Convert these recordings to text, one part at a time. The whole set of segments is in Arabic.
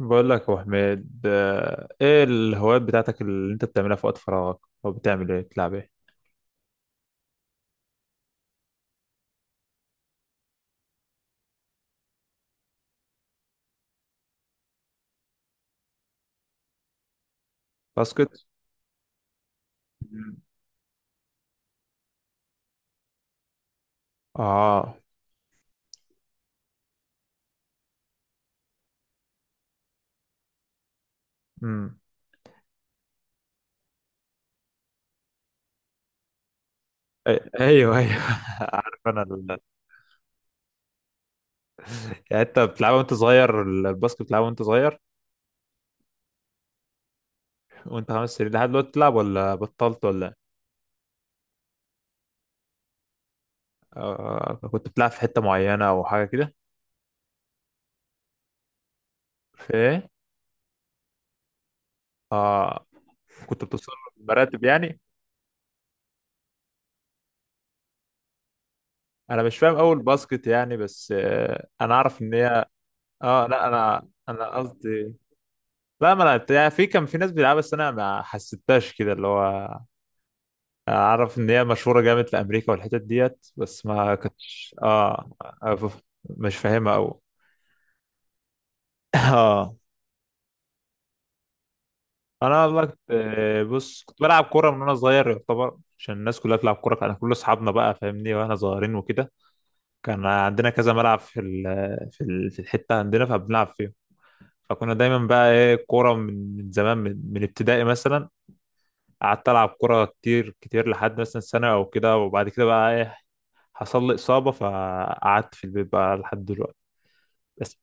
بقول لك يا ابو حميد، ايه الهوايات بتاعتك اللي انت بتعملها في وقت فراغك؟ او بتعمل ايه؟ بتلعب ايه؟ باسكت. مم. اه. امم ايوه، ايوه. عارف انا. يعني انت بتلعبها وانت صغير؟ الباسكت بتلعبها وانت صغير؟ وانت 5 سنين لحد دلوقتي بتلعب ولا بطلت ولا إيه؟ آه، كنت بتلعب في حتة معينة او حاجة كده؟ في ايه؟ اه. كنت بتوصل مراتب يعني؟ انا مش فاهم اول باسكت يعني، بس انا اعرف ان هي. اه، لا، انا قصدي. لا، ما لعبت يعني، في كان في ناس بتلعبها بس انا ما حسيتهاش كده اللي هو. اعرف ان هي مشهوره جامد في امريكا والحتت ديت، بس ما كنتش اه مش فاهمها قوي. اه. انا والله كنت آه، بص كنت بلعب كوره من وانا صغير يعتبر، عشان الناس كلها بتلعب كوره، كان كل اصحابنا بقى فاهمني واحنا صغيرين وكده. كان عندنا كذا ملعب في الحته عندنا فبنلعب فيه. فكنا دايما بقى ايه، كوره من زمان، من ابتدائي مثلا. قعدت العب كوره كتير كتير لحد مثلا سنه او كده، وبعد كده بقى ايه. حصل لي اصابه فقعدت في البيت بقى لحد دلوقتي. بس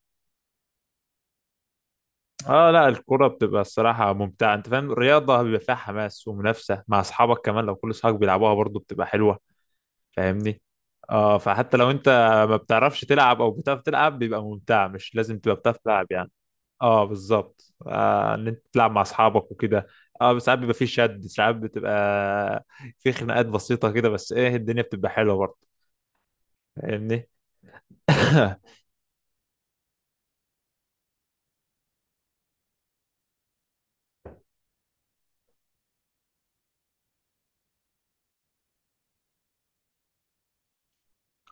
اه، لا، الكوره بتبقى الصراحه ممتعه، انت فاهم، الرياضه بيبقى فيها حماس ومنافسه مع اصحابك، كمان لو كل اصحابك بيلعبوها برضو بتبقى حلوه. فاهمني. اه، فحتى لو انت ما بتعرفش تلعب او بتعرف تلعب بيبقى ممتع، مش لازم تبقى بتعرف تلعب يعني. اه، بالظبط، ان انت تلعب مع اصحابك وكده. اه، ساعات بيبقى فيه شد، ساعات بتبقى في خناقات بسيطه كده، بس ايه، الدنيا بتبقى حلوه برضه. فاهمني.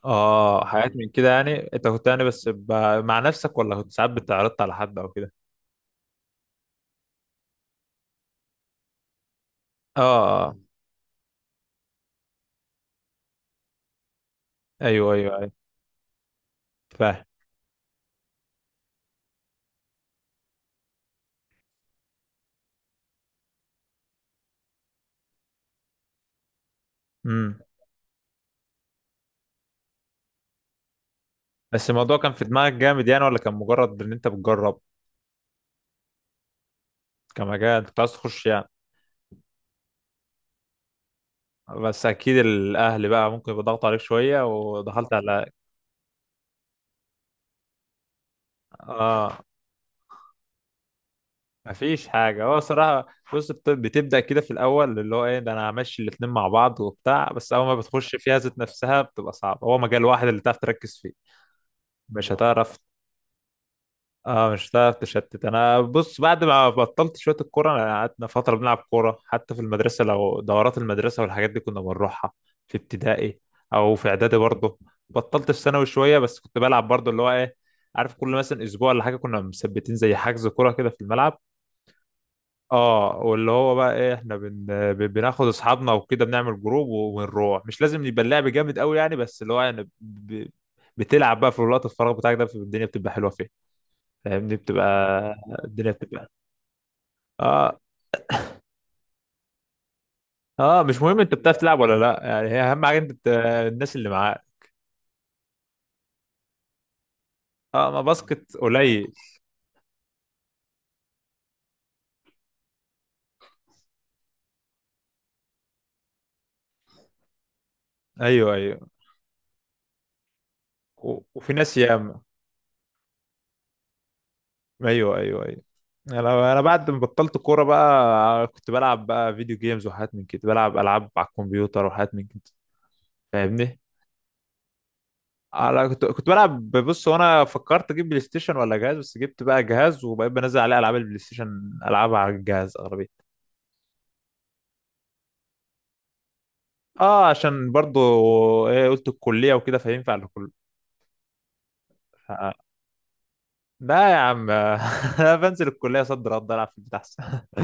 اه، حاجات من كده يعني، انت كنت يعني بس. مع نفسك ولا كنت ساعات بتعرضت على حد او كده؟ اه. آه. ايوه، ايوه، ايوه. فاهم. امم بس الموضوع كان في دماغك جامد يعني ولا كان مجرد ان انت بتجرب؟ كمجال انت كنت عايز تخش يعني؟ بس اكيد الاهل بقى ممكن يبقى ضغط عليك شويه ودخلت على. اه، مفيش حاجة هو صراحة. بص، بتبدأ كده في الأول، اللي هو إيه ده، أنا همشي الاتنين مع بعض وبتاع، بس أول ما بتخش فيها ذات نفسها بتبقى صعبة، هو مجال واحد اللي تعرف تركز فيه. مش هتعرف. اه، مش هتعرف تشتت. أنا بص، بعد ما بطلت شوية الكورة، أنا قعدنا فترة بنلعب كورة حتى في المدرسة، لو دورات المدرسة والحاجات دي كنا بنروحها. في ابتدائي أو في إعدادي برضه. بطلت في ثانوي شوية، بس كنت بلعب برضه اللي هو إيه. عارف، كل مثلا أسبوع ولا حاجة كنا مثبتين زي حجز كورة كده في الملعب. اه، واللي هو بقى ايه، احنا. بناخد اصحابنا وكده، بنعمل جروب ونروح، مش لازم يبقى اللعب جامد قوي يعني، بس اللي هو يعني. بتلعب بقى في الوقت الفراغ بتاعك، ده الدنيا بتبقى حلوه فيه. فاهمني، بتبقى الدنيا بتبقى. اه، اه، مش مهم انت بتعرف تلعب ولا لا يعني، هي اهم حاجه انت. الناس اللي معاك. اه، ما باسكت قليل. ايوه، ايوه. وفي ناس ياما. ايوه، ايوه، ايوه. انا بعد ما بطلت كوره بقى، كنت بلعب بقى فيديو جيمز وحاجات من كده، بلعب العاب على الكمبيوتر وحاجات من كده. فاهمني. انا كنت بلعب. بص، وانا فكرت اجيب بلاي ستيشن ولا جهاز، بس جبت بقى جهاز وبقيت بنزل عليه العاب البلاي ستيشن العبها على الجهاز اغلبيه. اه، عشان برضو ايه، قلت الكليه وكده فينفع لكل. آه. لا يا عم. انا بنزل الكليه صد رد العب في البيت احسن.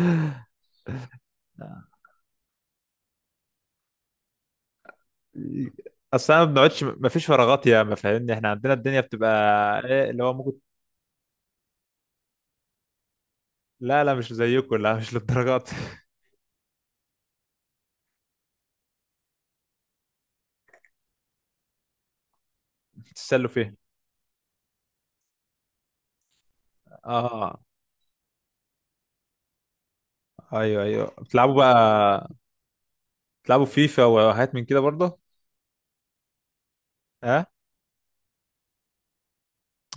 اصل انا ما بنقعدش، ما فيش فراغات يا ما فاهمني، احنا عندنا الدنيا بتبقى ايه اللي هو ممكن. لا، لا، مش زيكم. لا، مش للدرجات. بتتسلوا فين؟ اه، ايوه، ايوه، بتلعبوا بقى تلعبوا فيفا وحاجات من كده برضه؟ اه،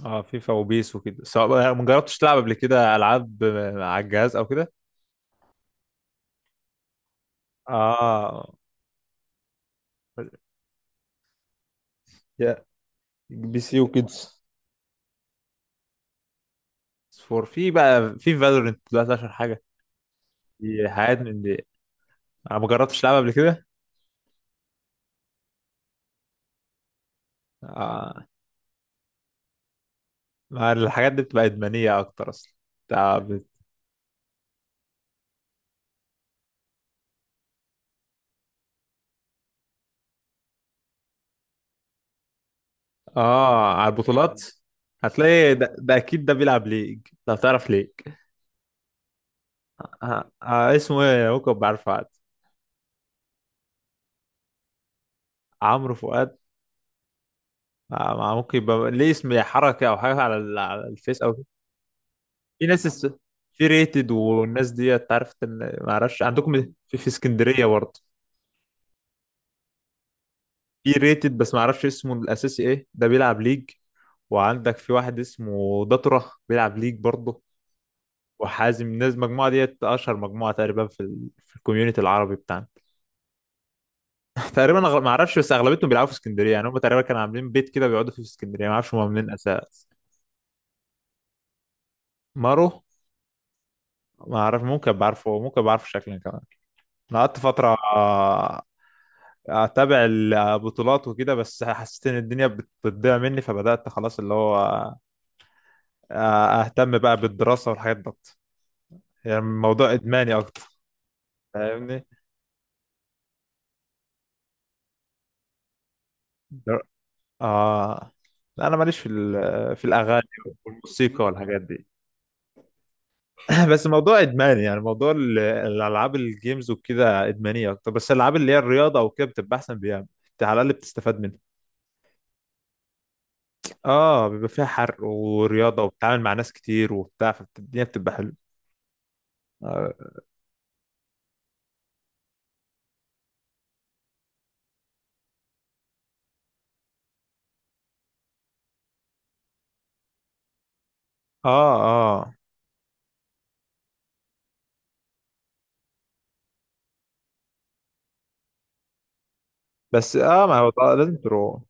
اه، فيفا وبيس وكده، سواء. ما جربتش تلعب قبل كده العاب على الجهاز او كده؟ اه، يا PC وكيدز. فور في بقى، في فالورنت دلوقتي اشهر حاجه، دي حاجات من دي. انا ما جربتش العبها قبل كده. آه. ما الحاجات دي بتبقى ادمانيه اكتر اصلا. بتاع. اه، على البطولات. هتلاقي ده اكيد ده بيلعب ليج، لو تعرف ليج. آه. آه. اسمه ايه؟ ممكن بعرفه عاد. عمرو فؤاد. ما ممكن يبقى ليه اسم حركة أو حاجة على الفيس أو كده. في ناس. في ريتد والناس دي تعرف، إن ما أعرفش عندكم. في اسكندرية برضه. في ريتد بس ما أعرفش اسمه الأساسي إيه، ده بيلعب ليج. وعندك في واحد اسمه دطرة بيلعب ليج برضه. وحازم، الناس المجموعة ديت أشهر مجموعة تقريبا في الكوميونتي العربي بتاعنا. تقريبا، ما أعرفش، بس أغلبيتهم بيلعبوا في اسكندرية يعني، هم تقريبا كانوا عاملين بيت كده بيقعدوا فيه في اسكندرية، ما أعرفش هم عاملين أساس. مارو. ما أعرف، ممكن بعرفه، ممكن بعرفه شكلا كمان. انا قعدت فتره آه، اتابع البطولات وكده، بس حسيت ان الدنيا بتضيع مني فبدات خلاص اللي هو اهتم بقى بالدراسه والحاجات ديت. يعني الموضوع ادماني اكتر. فاهمني. در- اه، لا، انا ماليش في الاغاني والموسيقى والحاجات دي. بس موضوع ادماني يعني، موضوع الالعاب، الجيمز وكده ادمانيه اكتر، بس الالعاب اللي هي الرياضه وكده بتبقى احسن بيها. انت على الاقل بتستفاد منها. اه، بيبقى فيها حرق ورياضة وبتتعامل مع ناس كتير وبتاع، فالدنيا بتبقى حلوة. اه. اه، بس اه، ما هو طبعاً لازم تروح،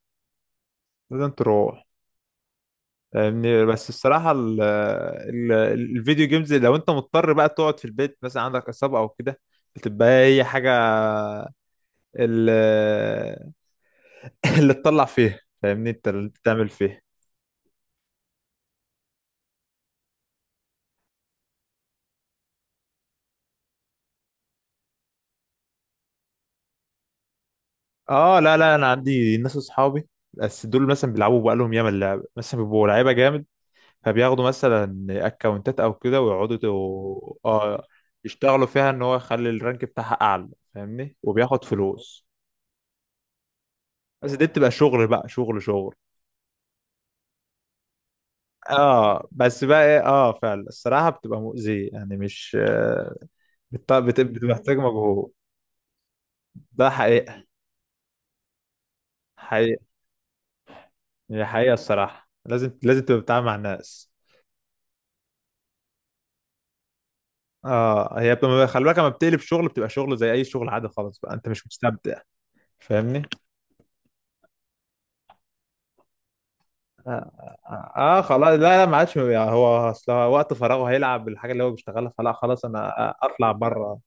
لازم تروح. فاهمني، بس الصراحة ال الفيديو جيمز، لو انت مضطر بقى تقعد في البيت مثلا عندك إصابة او كده بتبقى هي حاجة ال- اللي تطلع فيها، فاهمني انت اللي تعمل فيها. اه، لا، لا، انا عندي ناس اصحابي بس دول مثلا بيلعبوا بقالهم ياما اللعبة، مثلا بيبقوا لعيبة جامد. فبياخدوا مثلا اكونتات او كده، ويقعدوا اه، يشتغلوا فيها ان هو يخلي الرانك بتاعها اعلى. فاهمني، وبياخد فلوس. بس دي بتبقى شغل بقى، شغل شغل. اه، بس بقى ايه، اه، فعلا الصراحة بتبقى مؤذية يعني، مش. بتحتاج مجهود. ده حقيقة، حقيقة. هي حقيقة الصراحة، لازم لازم تبقى بتتعامل مع الناس. اه، هي بتبقى، خلي بالك لما بتقلب شغل بتبقى شغل زي اي شغل عادي خالص، بقى انت مش مستمتع. فاهمني. اه، آه، خلاص، لا لا، ما عادش يعني، هو اصل هو وقت فراغه هيلعب بالحاجه اللي هو بيشتغلها، فلا خلاص انا اطلع بره.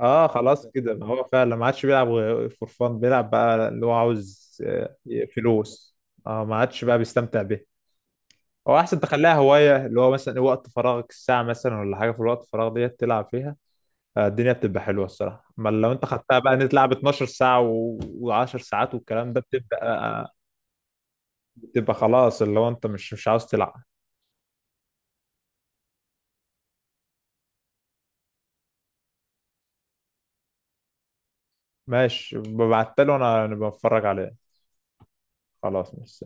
اه، خلاص كده، ما هو فعلا ما عادش بيلعب. فور فان بيلعب بقى اللي هو عاوز فلوس. اه، ما عادش بقى بيستمتع بيه. هو احسن تخليها هوايه، اللي هو مثلا وقت فراغك الساعه مثلا ولا حاجه، في الوقت الفراغ ديت تلعب فيها. الدنيا بتبقى حلوه الصراحه، اما لو انت خدتها بقى إن أنت تلعب 12 ساعه و10 ساعات والكلام ده بتبقى. بتبقى خلاص، اللي هو انت مش عاوز تلعب. ماشي، ببعتله، انا بتفرج عليه. خلاص مش